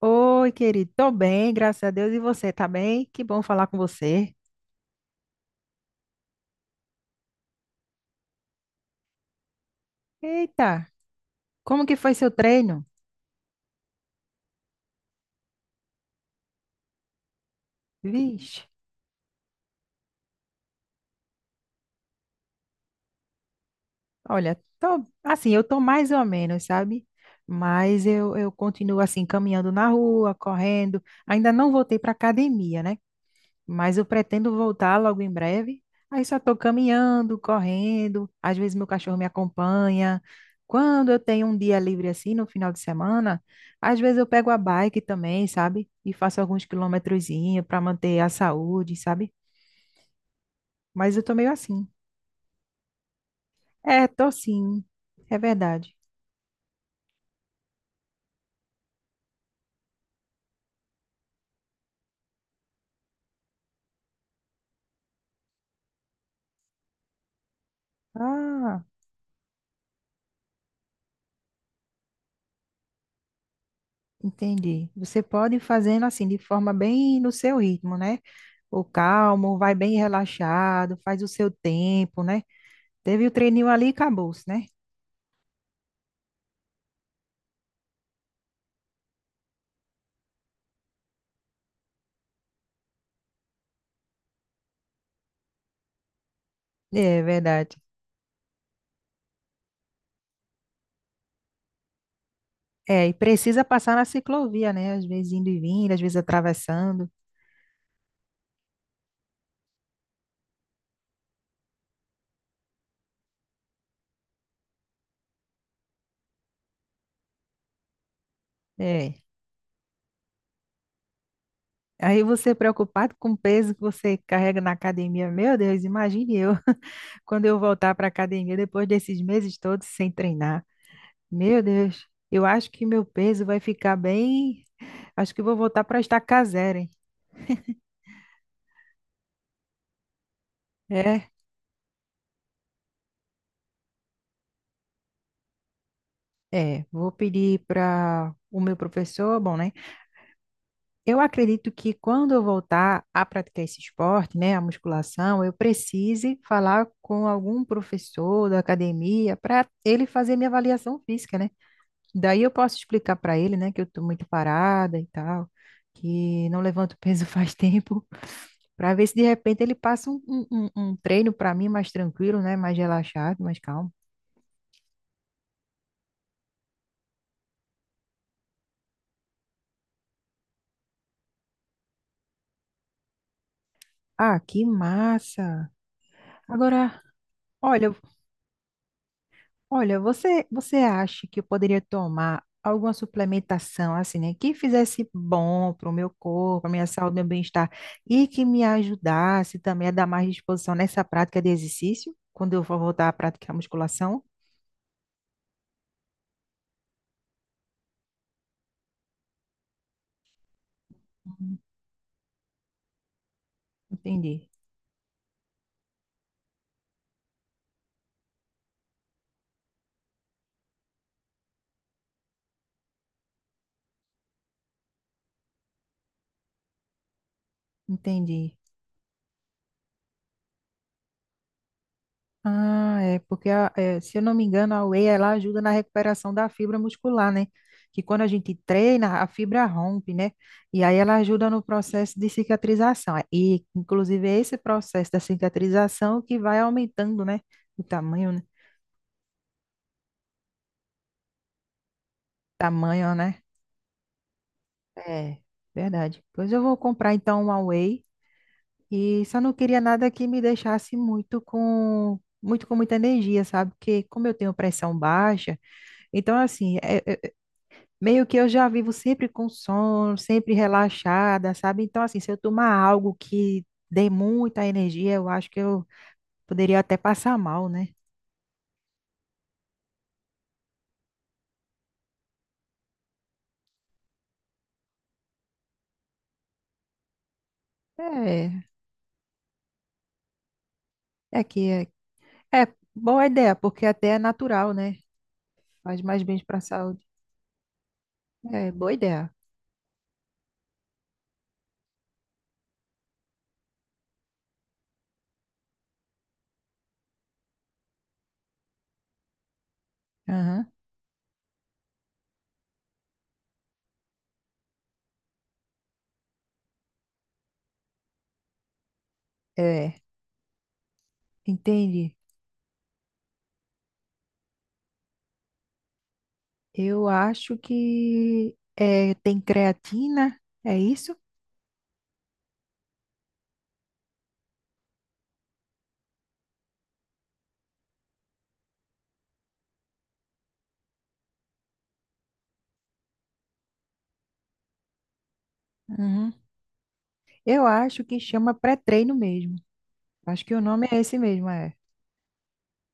Oi, querido. Tô bem, graças a Deus. E você, tá bem? Que bom falar com você. Eita, como que foi seu treino? Vixe, olha, tô, assim, eu tô mais ou menos, sabe? Mas eu continuo assim, caminhando na rua, correndo. Ainda não voltei pra academia, né? Mas eu pretendo voltar logo em breve. Aí só estou caminhando, correndo, às vezes meu cachorro me acompanha. Quando eu tenho um dia livre assim, no final de semana, às vezes eu pego a bike também, sabe? E faço alguns quilometrozinhos para manter a saúde, sabe? Mas eu tô meio assim. É, tô sim. É verdade. Ah, entendi. Você pode ir fazendo assim, de forma bem no seu ritmo, né? O calmo, vai bem relaxado, faz o seu tempo, né? Teve o treininho ali e acabou-se, né? É verdade. É, e precisa passar na ciclovia, né? Às vezes indo e vindo, às vezes atravessando. É. Aí você preocupado com o peso que você carrega na academia. Meu Deus, imagine eu quando eu voltar para a academia depois desses meses todos sem treinar. Meu Deus, eu acho que meu peso vai ficar bem. Acho que vou voltar para a estaca zero, hein? É, é. Vou pedir para o meu professor, bom, né? Eu acredito que quando eu voltar a praticar esse esporte, né, a musculação, eu precise falar com algum professor da academia para ele fazer minha avaliação física, né? Daí eu posso explicar para ele, né, que eu estou muito parada e tal, que não levanto peso faz tempo, para ver se de repente ele passa um treino para mim mais tranquilo, né, mais relaxado, mais calmo. Ah, que massa! Agora, olha, olha, você acha que eu poderia tomar alguma suplementação assim, né, que fizesse bom para o meu corpo, para a minha saúde, meu bem-estar e que me ajudasse também a dar mais disposição nessa prática de exercício, quando eu for voltar à prática da musculação? Hum, Entendi, entendi. Ah, é porque se eu não me engano, a whey ela ajuda na recuperação da fibra muscular, né? Que quando a gente treina, a fibra rompe, né? E aí ela ajuda no processo de cicatrização. E inclusive é esse processo da cicatrização que vai aumentando, né? O tamanho, né? Tamanho, né? É, verdade. Pois eu vou comprar então uma whey e só não queria nada que me deixasse muito com muita energia, sabe? Porque como eu tenho pressão baixa, então assim, meio que eu já vivo sempre com sono, sempre relaxada, sabe? Então, assim, se eu tomar algo que dê muita energia, eu acho que eu poderia até passar mal, né? É, é que é, é boa ideia, porque até é natural, né? Faz mais bem para a saúde. É, boa ideia. Aham. É, entendi. Eu acho que é, tem creatina, é isso? Uhum. Eu acho que chama pré-treino mesmo. Acho que o nome é esse mesmo, é.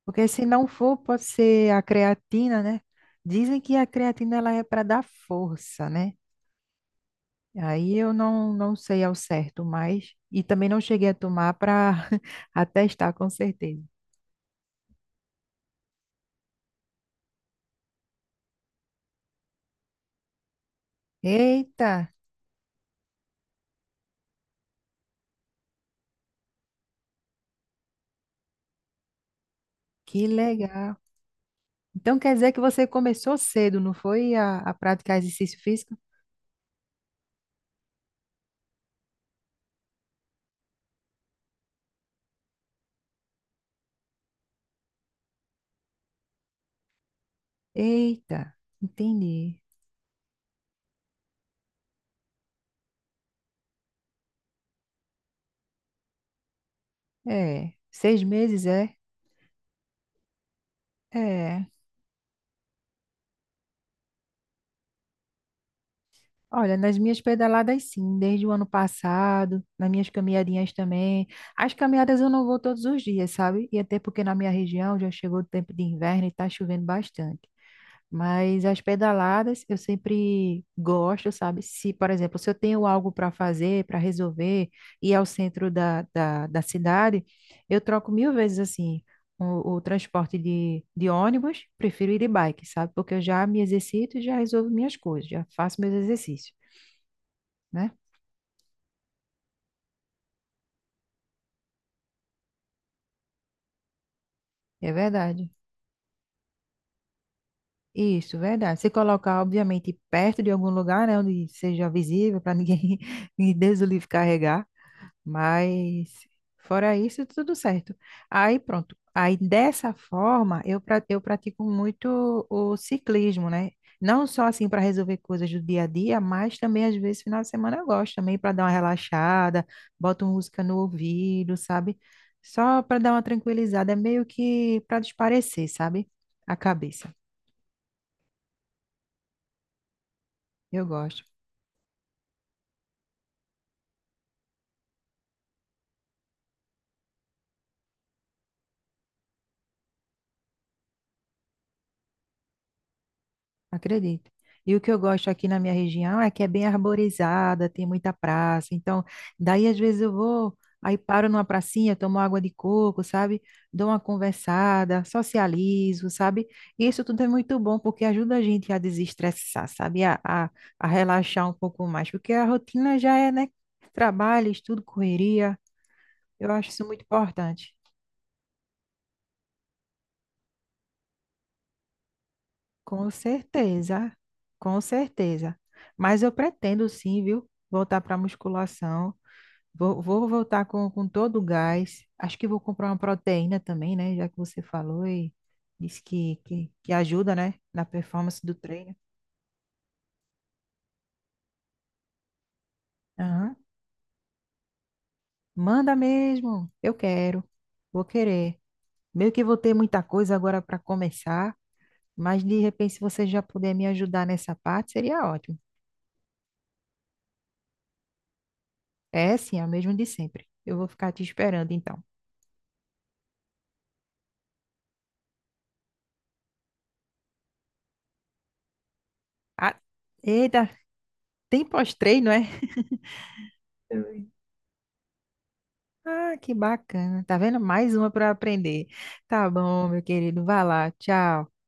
Porque se não for, pode ser a creatina, né? Dizem que a creatina ela é para dar força, né? Aí eu não sei ao certo, mas e também não cheguei a tomar para atestar com certeza. Eita, que legal. Então quer dizer que você começou cedo, não foi a praticar exercício físico? Eita, entendi. É, 6 meses é? É. Olha, nas minhas pedaladas, sim, desde o ano passado, nas minhas caminhadinhas também. As caminhadas eu não vou todos os dias, sabe? E até porque na minha região já chegou o tempo de inverno e tá chovendo bastante. Mas as pedaladas eu sempre gosto, sabe? Se, por exemplo, se eu tenho algo para fazer, para resolver, ir ao centro da cidade, eu troco mil vezes assim. O transporte de ônibus, prefiro ir de bike, sabe? Porque eu já me exercito e já resolvo minhas coisas, já faço meus exercícios, né? É verdade. Isso, verdade. Se colocar, obviamente, perto de algum lugar, né, onde seja visível, para ninguém, ninguém Deus o livre carregar. Mas fora isso, tudo certo. Aí pronto. Aí dessa forma, eu pratico muito o ciclismo, né? Não só assim para resolver coisas do dia a dia, mas também às vezes final de semana eu gosto também para dar uma relaxada, boto música no ouvido, sabe? Só para dar uma tranquilizada, é meio que para desaparecer, sabe? A cabeça. Eu gosto. Acredito. E o que eu gosto aqui na minha região é que é bem arborizada, tem muita praça. Então, daí às vezes eu vou, aí paro numa pracinha, tomo água de coco, sabe? Dou uma conversada, socializo, sabe? E isso tudo é muito bom porque ajuda a gente a desestressar, sabe? A relaxar um pouco mais, porque a rotina já é, né? Trabalho, estudo, correria. Eu acho isso muito importante. Com certeza, com certeza. Mas eu pretendo sim, viu? Voltar para musculação. Vou voltar com todo o gás. Acho que vou comprar uma proteína também, né? Já que você falou e disse que ajuda, né? Na performance do treino. Aham. Manda mesmo. Eu quero. Vou querer. Meio que vou ter muita coisa agora para começar, mas de repente, se você já puder me ajudar nessa parte, seria ótimo. É sim, é o mesmo de sempre. Eu vou ficar te esperando, então. Ah, eita, tem pós-treino, é? Ah, que bacana. Tá vendo? Mais uma para aprender. Tá bom, meu querido. Vai lá. Tchau.